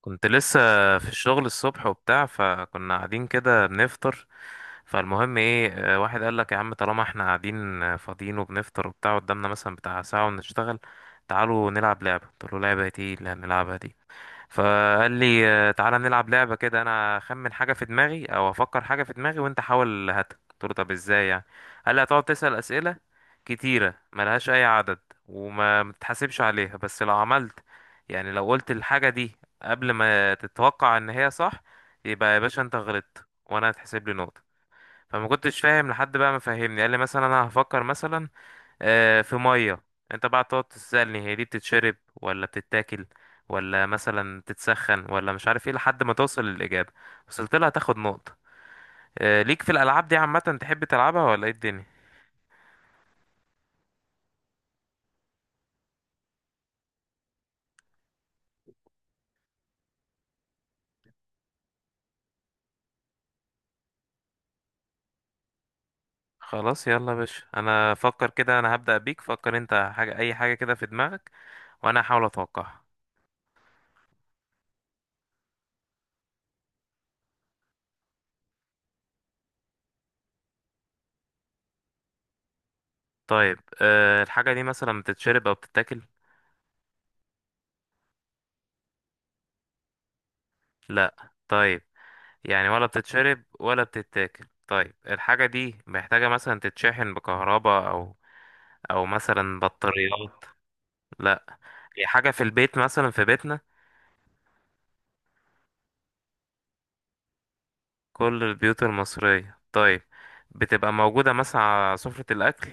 كنت لسه في الشغل الصبح وبتاع، فكنا قاعدين كده بنفطر. فالمهم ايه، واحد قال لك يا عم طالما احنا قاعدين فاضيين وبنفطر وبتاع، قدامنا مثلا بتاع ساعة ونشتغل، تعالوا نلعب لعبة. قلت له لعبة ايه اللي هنلعبها دي؟ فقال لي تعالى نلعب لعبة كده، انا اخمن حاجة في دماغي او افكر حاجة في دماغي وانت حاول هاتها. قلت له طب ازاي يعني؟ قال لي هتقعد تسأل أسئلة كتيرة ملهاش اي عدد وما متحاسبش عليها، بس لو عملت، يعني لو قلت الحاجة دي قبل ما تتوقع ان هي صح، يبقى يا باشا انت غلطت وانا هتحسب لي نقطة. فما كنتش فاهم لحد بقى ما فهمني. قال لي مثلا انا هفكر مثلا في ميه، انت بقى تقعد تسألني هي دي بتتشرب ولا بتتاكل ولا مثلا تتسخن ولا مش عارف ايه، لحد ما توصل للإجابة. وصلت لها تاخد نقطة. ليك في الألعاب دي عامة؟ تحب تلعبها ولا ايه الدنيا؟ خلاص يلا يا باشا، انا فكر كده، انا هبدأ بيك. فكر انت حاجة، اي حاجة كده في دماغك، وانا هحاول اتوقعها. طيب الحاجة دي مثلا بتتشرب او بتتاكل؟ لا طيب، يعني ولا بتتشرب ولا بتتاكل. طيب الحاجة دي محتاجة مثلا تتشحن بكهرباء او او مثلا بطاريات؟ لا. هي حاجة في البيت، مثلا في بيتنا؟ كل البيوت المصرية طيب، بتبقى موجودة مثلا على سفرة الأكل؟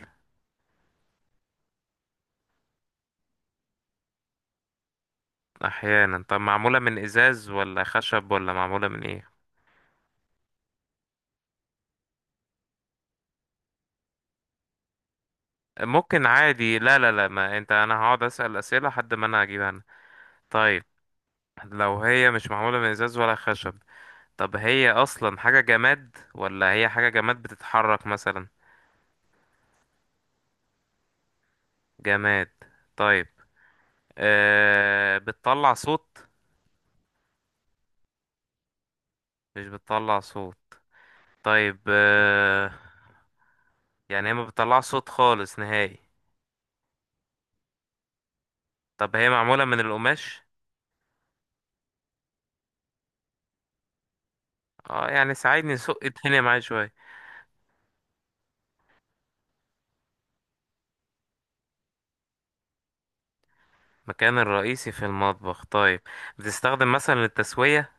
أحيانا. طب معمولة من إزاز ولا خشب ولا معمولة من إيه؟ ممكن عادي، لا لا لا، ما أنت أنا هقعد أسأل أسئلة لحد ما أنا أجيبها أنا. طيب لو هي مش معمولة من إزاز ولا خشب، طب هي أصلا حاجة جماد ولا هي حاجة جماد بتتحرك مثلا؟ جماد طيب، بتطلع صوت؟ مش بتطلع صوت. طيب، يعني هي ما بتطلعش صوت خالص نهائي. طب هي معمولة من القماش؟ اه يعني ساعدني، سوق الدنيا معايا شوية. مكان الرئيسي في المطبخ طيب، بتستخدم مثلا للتسوية؟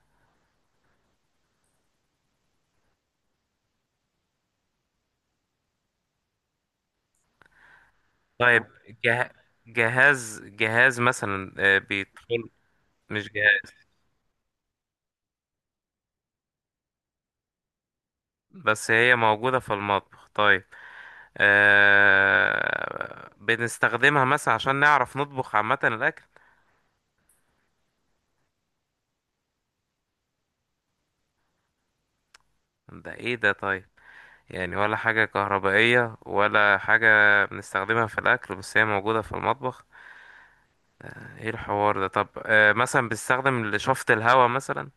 طيب جه... جهاز جهاز مثلا بيدخل؟ مش جهاز بس هي موجودة في المطبخ طيب. بنستخدمها مثلا عشان نعرف نطبخ عامة الأكل؟ ده ايه ده؟ طيب، يعني ولا حاجة كهربائية ولا حاجة، بنستخدمها في الأكل بس هي موجودة في المطبخ؟ ايه الحوار ده؟ طب مثلا بنستخدم لشفط الهواء مثلا؟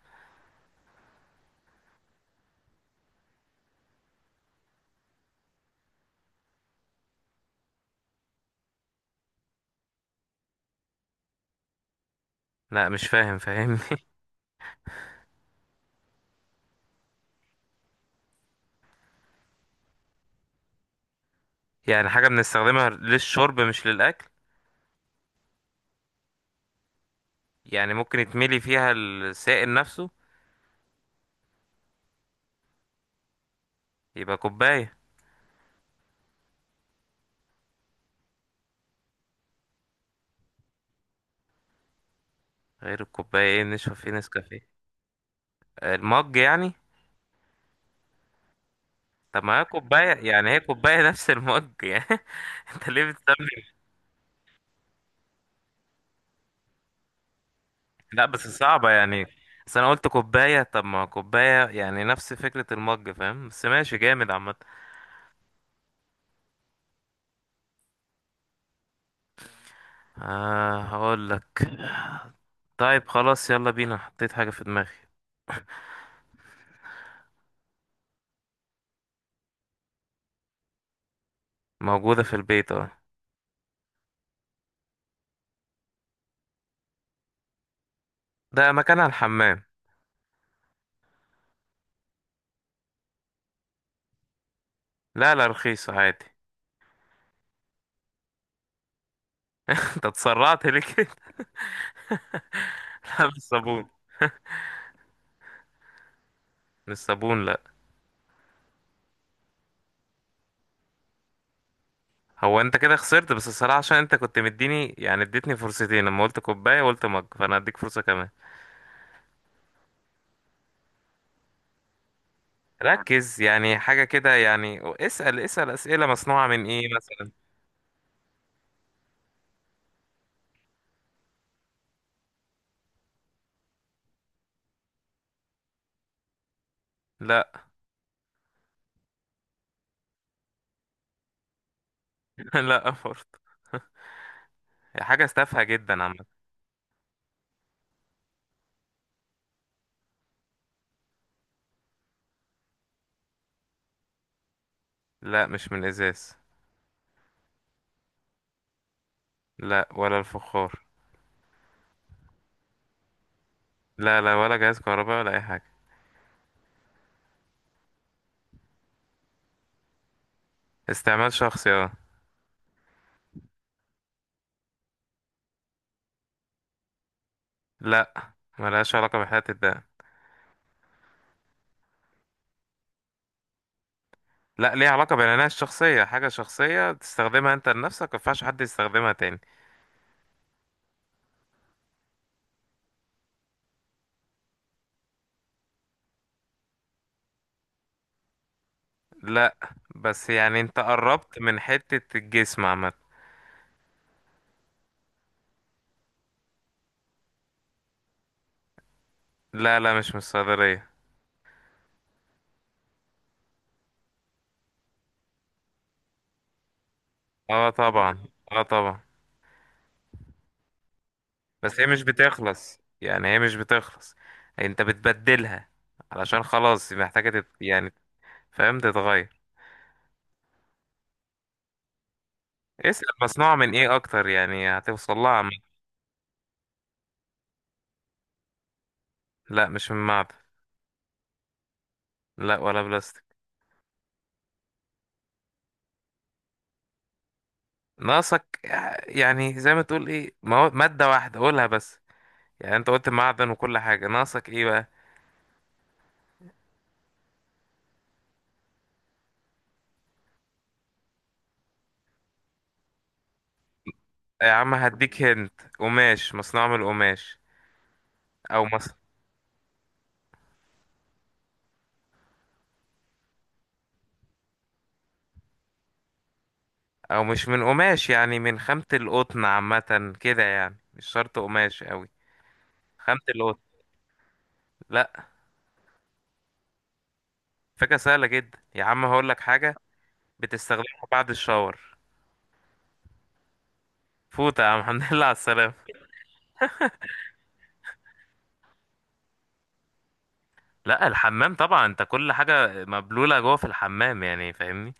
لا مش فاهم، فاهمني يعني حاجة بنستخدمها للشرب مش للأكل؟ يعني ممكن يتملي فيها السائل نفسه؟ يبقى كوباية. غير الكوباية ايه بنشرب فيه نسكافيه؟ المج يعني؟ طب ما هي كوباية، يعني هي كوباية نفس المج يعني. انت ليه؟ لا بس صعبة يعني، بس انا قلت كوباية، طب ما كوباية يعني نفس فكرة المج، فاهم؟ بس ماشي، جامد عامة. آه هقول لك، طيب خلاص يلا بينا حطيت حاجة في دماغي. موجودة في البيت، اه. ده مكانها الحمام. لا لا، رخيص عادي. انت اتسرعت ليه كده؟ لا مش صابون. مش صابون لا. هو انت كده خسرت، بس الصراحة عشان انت كنت مديني، يعني اديتني فرصتين لما قلت كوباية وقلت مج، فانا هديك فرصة كمان. ركز يعني حاجة كده يعني، اسأل اسأل اسئلة مصنوعة من ايه مثلا. لا. لا برضه. هي حاجة تافهة جدا عامة. لا مش من الإزاز. لا ولا الفخار. لا لا ولا جهاز كهرباء ولا أي حاجة. استعمال شخصي اه. لا ملهاش علاقة بحياة الدم. لا ليها علاقة بالعناية الشخصية، حاجة شخصية تستخدمها أنت لنفسك مينفعش حد يستخدمها تاني. لا بس يعني أنت قربت من حتة الجسم عامة. لا لا مش من الصيدلية. اه طبعا. اه طبعا. بس هي مش بتخلص يعني، هي مش بتخلص، انت بتبدلها علشان خلاص محتاجة يعني فاهم تتغير. اسأل مصنوعة من ايه اكتر يعني هتوصل لها، عم. لا مش من معدن. لا ولا بلاستيك. ناقصك، يعني زي ما تقول ايه، مادة واحدة قولها بس، يعني انت قلت معدن وكل حاجة، ناقصك ايه بقى؟ يا عم هديك هنت، قماش، مصنوع من القماش او مص... او مش من قماش، يعني من خامة القطن عامة كده، يعني مش شرط قماش قوي، خامة القطن. لا. فكرة سهلة جدا يا عم، هقولك حاجة بتستخدمها بعد الشاور. فوت يا عم الحمد لله على السلامة. لا الحمام طبعا، انت كل حاجة مبلولة جوه في الحمام يعني فاهمني،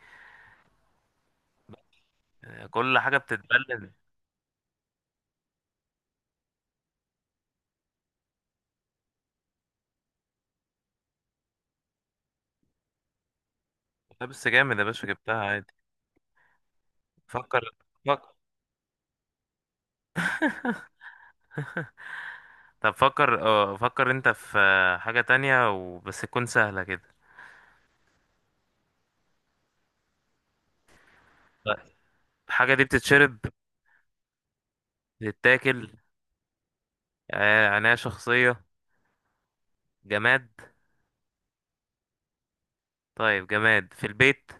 كل حاجة بتتبلد. لا بس جامد يا باشا، جبتها عادي. فكر فكر، طب فكر فكر انت في حاجة تانية وبس، تكون سهلة كده. طيب. الحاجة دي بتتشرب؟ بتتاكل؟ عناية شخصية؟ جماد؟ طيب جماد في البيت؟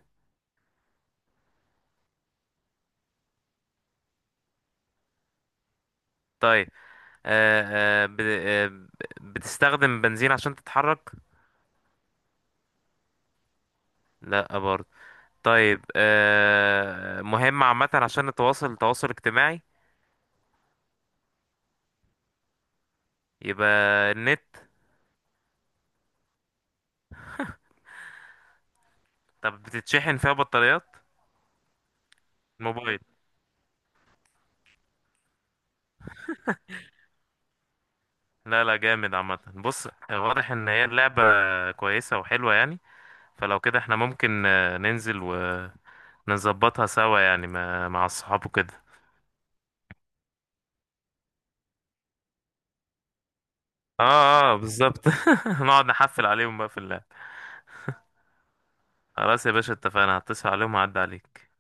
طيب آه، آه ب... آه ب- بتستخدم بنزين عشان تتحرك؟ لا برضه. طيب مهم عامة عشان التواصل الاجتماعي؟ يبقى النت. طب بتتشحن فيها بطاريات؟ الموبايل. لا لا، جامد عامة، بص، واضح ان هي اللعبة كويسة وحلوة يعني، فلو كده احنا ممكن ننزل ونظبطها سوا، يعني مع الصحاب وكده. اه اه بالظبط. نقعد نحفل عليهم بقى في اللعب. خلاص يا باشا اتفقنا، هتصل عليهم وهعدي عليك.